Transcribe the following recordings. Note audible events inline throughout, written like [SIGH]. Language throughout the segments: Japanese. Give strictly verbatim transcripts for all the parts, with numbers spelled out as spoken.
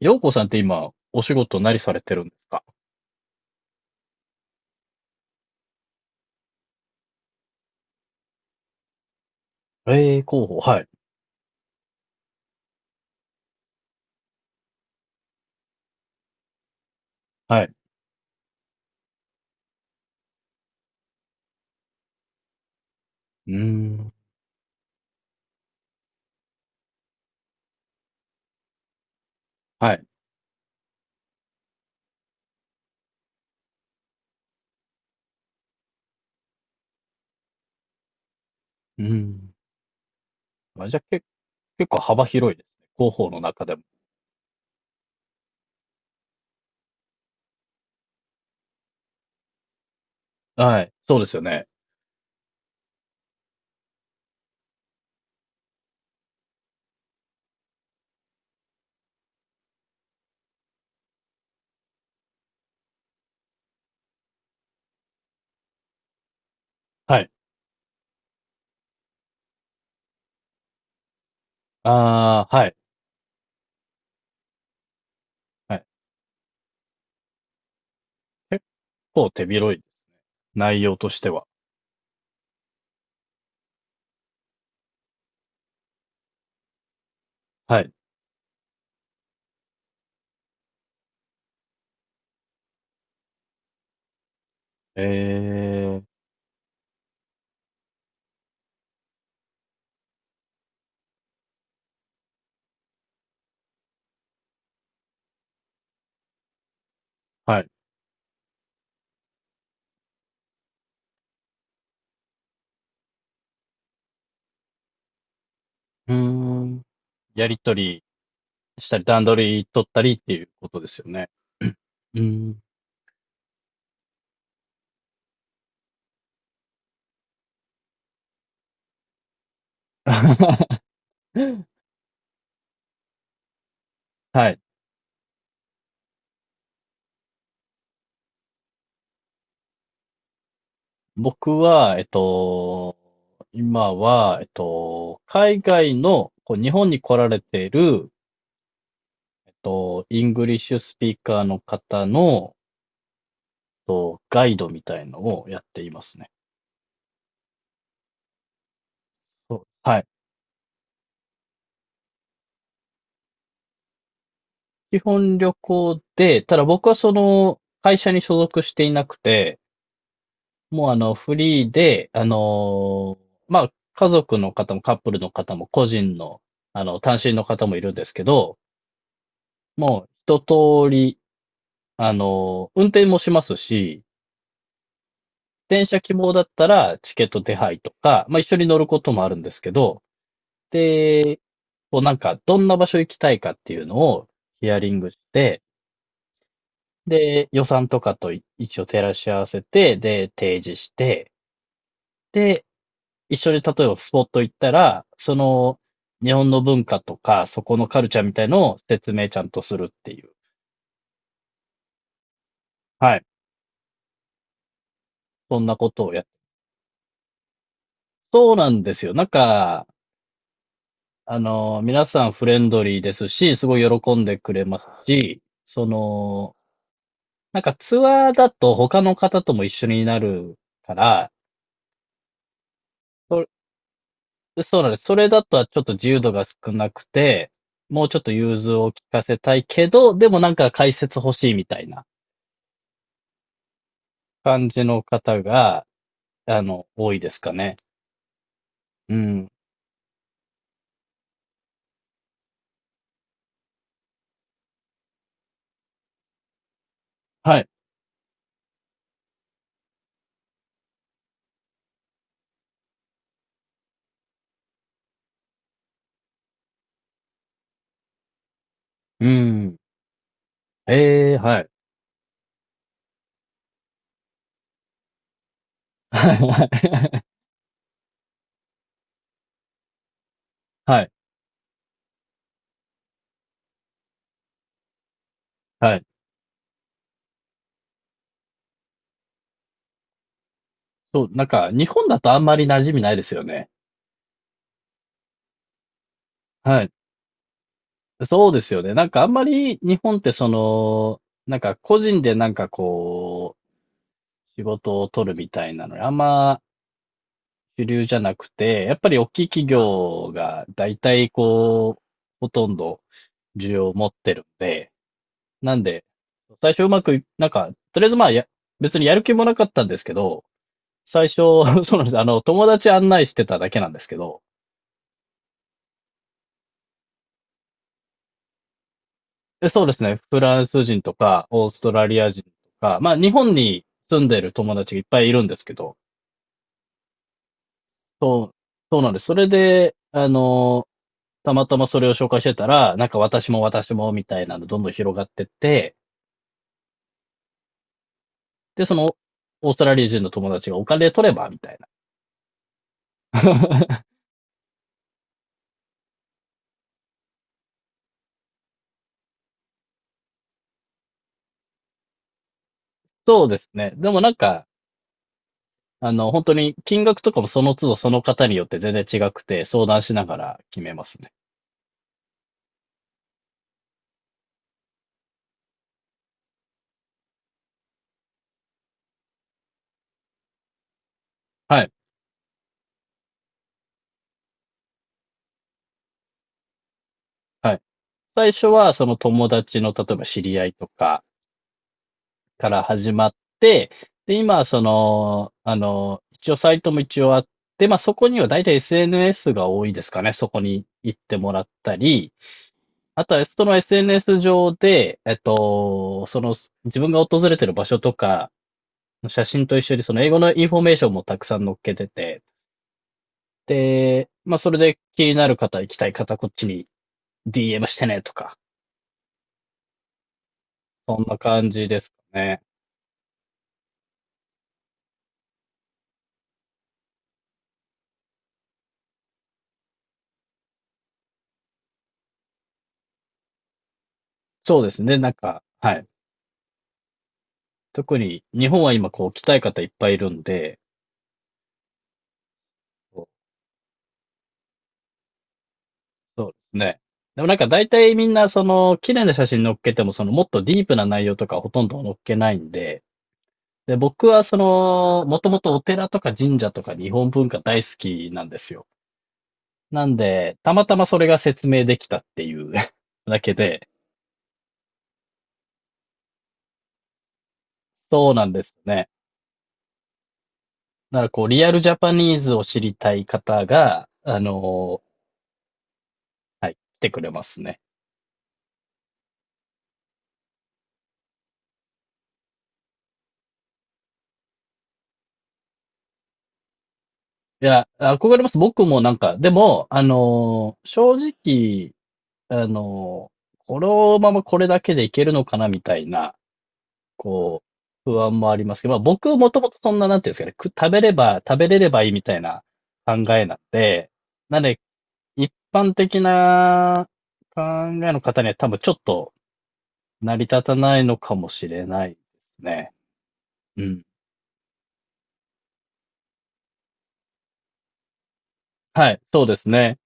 陽子さんって今、お仕事何されてるんですか？ええー広報、はい、はい。うーん、はい、うーん。あ、じゃあ、け、結構幅広いですね。広報の中でも。はい、そうですよね。はい。ああ、はい、はい。結構手広いです。内容としては。はい。ええ、はい。うーん。やりとりしたり、段取り取ったりっていうことですよね。うん。[LAUGHS] はい。僕は、えっと、今は、えっと、海外の、こう、日本に来られている、えっと、イングリッシュスピーカーの方の、えっと、ガイドみたいのをやっていますね。そう、はい。基本旅行で、ただ僕はその、会社に所属していなくて、もうあの、フリーで、あのー、まあ、家族の方もカップルの方も個人の、あの、単身の方もいるんですけど、もう一通り、あの、運転もしますし、電車希望だったらチケット手配とか、まあ、一緒に乗ることもあるんですけど、で、こうなんか、どんな場所行きたいかっていうのをヒアリングして、で、予算とかとい一応照らし合わせて、で、提示して、で、一緒に例えばスポット行ったら、その、日本の文化とか、そこのカルチャーみたいのを説明ちゃんとするっていう。はい。そんなことをやっそうなんですよ。なんか、あの、皆さんフレンドリーですし、すごい喜んでくれますし、その、なんかツアーだと他の方とも一緒になるから、そそうなんです。それだとはちょっと自由度が少なくて、もうちょっと融通を聞かせたいけど、でもなんか解説欲しいみたいな感じの方が、あの、多いですかね。うん。はい。うん。ええ、はい。[LAUGHS] はい、はい。はい。はい。そう、なんか、日本だとあんまり馴染みないですよね。はい。そうですよね。なんかあんまり日本ってその、なんか個人でなんかこう、仕事を取るみたいなのにあんま主流じゃなくて、やっぱり大きい企業が大体こう、ほとんど需要を持ってるんで、なんで、最初うまくい、なんか、とりあえずまあや、別にやる気もなかったんですけど、最初、[LAUGHS] そうなんです。あの、友達案内してただけなんですけど、えそうですね。フランス人とか、オーストラリア人とか、まあ日本に住んでる友達がいっぱいいるんですけど、そう、そうなんです。それで、あの、たまたまそれを紹介してたら、なんか私も私もみたいなのどんどん広がってって、で、その、オーストラリア人の友達がお金取ればみたいな。[LAUGHS] そうですね。でもなんか、あの、本当に金額とかもその都度その方によって全然違くて、相談しながら決めますね。はい。はい。最初はその友達の、例えば知り合いとか、から始まって、で、今はその、あの、一応サイトも一応あって、まあ、そこには大体 エスエヌエス が多いですかね。そこに行ってもらったり、あとはその エスエヌエス 上で、えっと、その自分が訪れてる場所とか、写真と一緒にその英語のインフォメーションもたくさん載っけてて、で、まあ、それで気になる方、行きたい方、こっちに ディーエム してねとか、そんな感じですかね。そうですね。なんか、はい。特に日本は今こう来たい方いっぱいいるんで、そうそうですね。でもなんか大体みんなその綺麗な写真載っけてもそのもっとディープな内容とかほとんど載っけないんで、で、僕はその、もともとお寺とか神社とか日本文化大好きなんですよ。なんで、たまたまそれが説明できたっていう [LAUGHS] だけで、そうなんですね。だからこう、リアルジャパニーズを知りたい方が、あの、はい、来てくれますね。いや、憧れます。僕もなんか、でも、あのー正直、あのーこのままこれだけでいけるのかなみたいな、こう、不安もありますけど、まあ僕もともとそんな、なんていうんですかね、く食べれば、食べれればいいみたいな考えなんで、なんで、一般的な考えの方には多分ちょっと成り立たないのかもしれないですね。うん。はい、そうですね。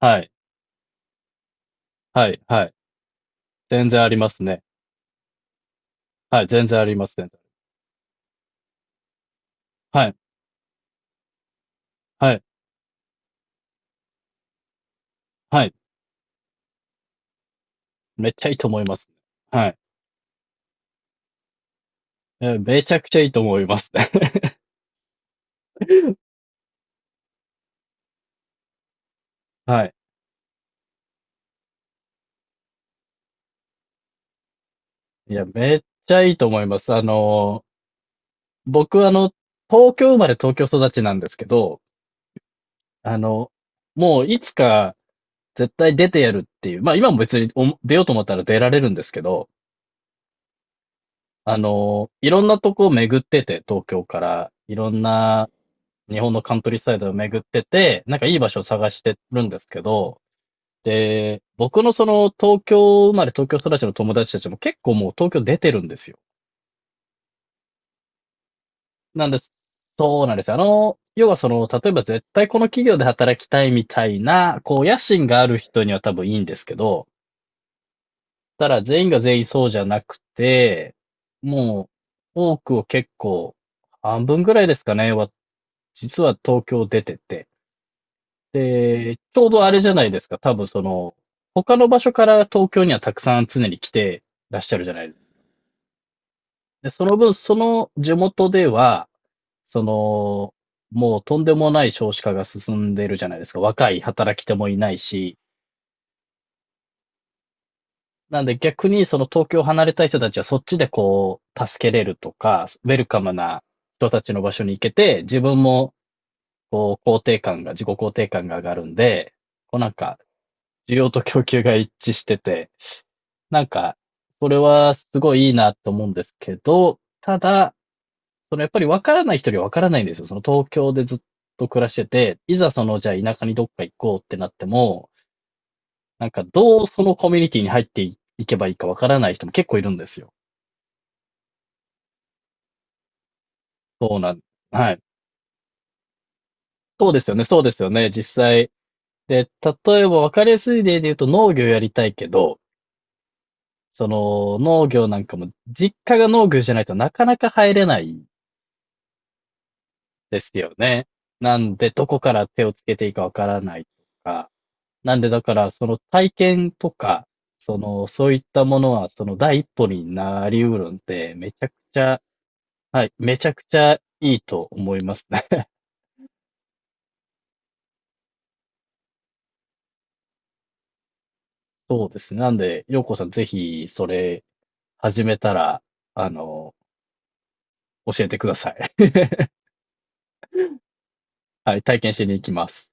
はい、はい、はい。全然ありますね。はい、全然あります、全然。はい。はい、はい。めっちゃいいと思います。はい。え、めちゃくちゃいいと思います。[LAUGHS] はい。いや、めっちゃいいと思います。あの、僕あの、東京生まれ東京育ちなんですけど、あの、もういつか絶対出てやるっていう、まあ今も別にお出ようと思ったら出られるんですけど、あの、いろんなとこを巡ってて、東京から、いろんな日本のカントリーサイドを巡ってて、なんかいい場所を探してるんですけど、で、僕のその東京生まれ東京育ちの友達たちも結構もう東京出てるんですよ。なんです。そうなんですよ。あの、要はその、例えば絶対この企業で働きたいみたいな、こう、野心がある人には多分いいんですけど、ただ全員が全員そうじゃなくて、もう、多くを結構、半分ぐらいですかね、は、実は東京出てて。で、ちょうどあれじゃないですか。多分その、他の場所から東京にはたくさん常に来てらっしゃるじゃないで、その分、その地元では、その、もうとんでもない少子化が進んでるじゃないですか。若い働き手もいないし。なんで逆にその東京を離れたい人たちはそっちでこう、助けれるとか、ウェルカムな人たちの場所に行けて、自分もこう、肯定感が、自己肯定感が上がるんで、こうなんか、需要と供給が一致してて、なんか、それはすごいいいなと思うんですけど、ただ、そのやっぱり分からない人には分からないんですよ。その東京でずっと暮らしてて、いざそのじゃあ田舎にどっか行こうってなっても、なんかどうそのコミュニティに入っていけばいいか分からない人も結構いるんですよ。そうなん、はい。そうですよね、そうですよね、実際。で、例えば分かりやすい例で言うと農業やりたいけど、その農業なんかも実家が農業じゃないとなかなか入れないですよね。なんでどこから手をつけていいか分からないとか。なんでだから、その体験とか、その、そういったものは、その第一歩になりうるんで、めちゃくちゃ、はい、めちゃくちゃいいと思いますね。[LAUGHS] そうですね。なんで、ようこさんぜひ、それ、始めたら、あの、教えてください。[LAUGHS] はい、体験しに行きます。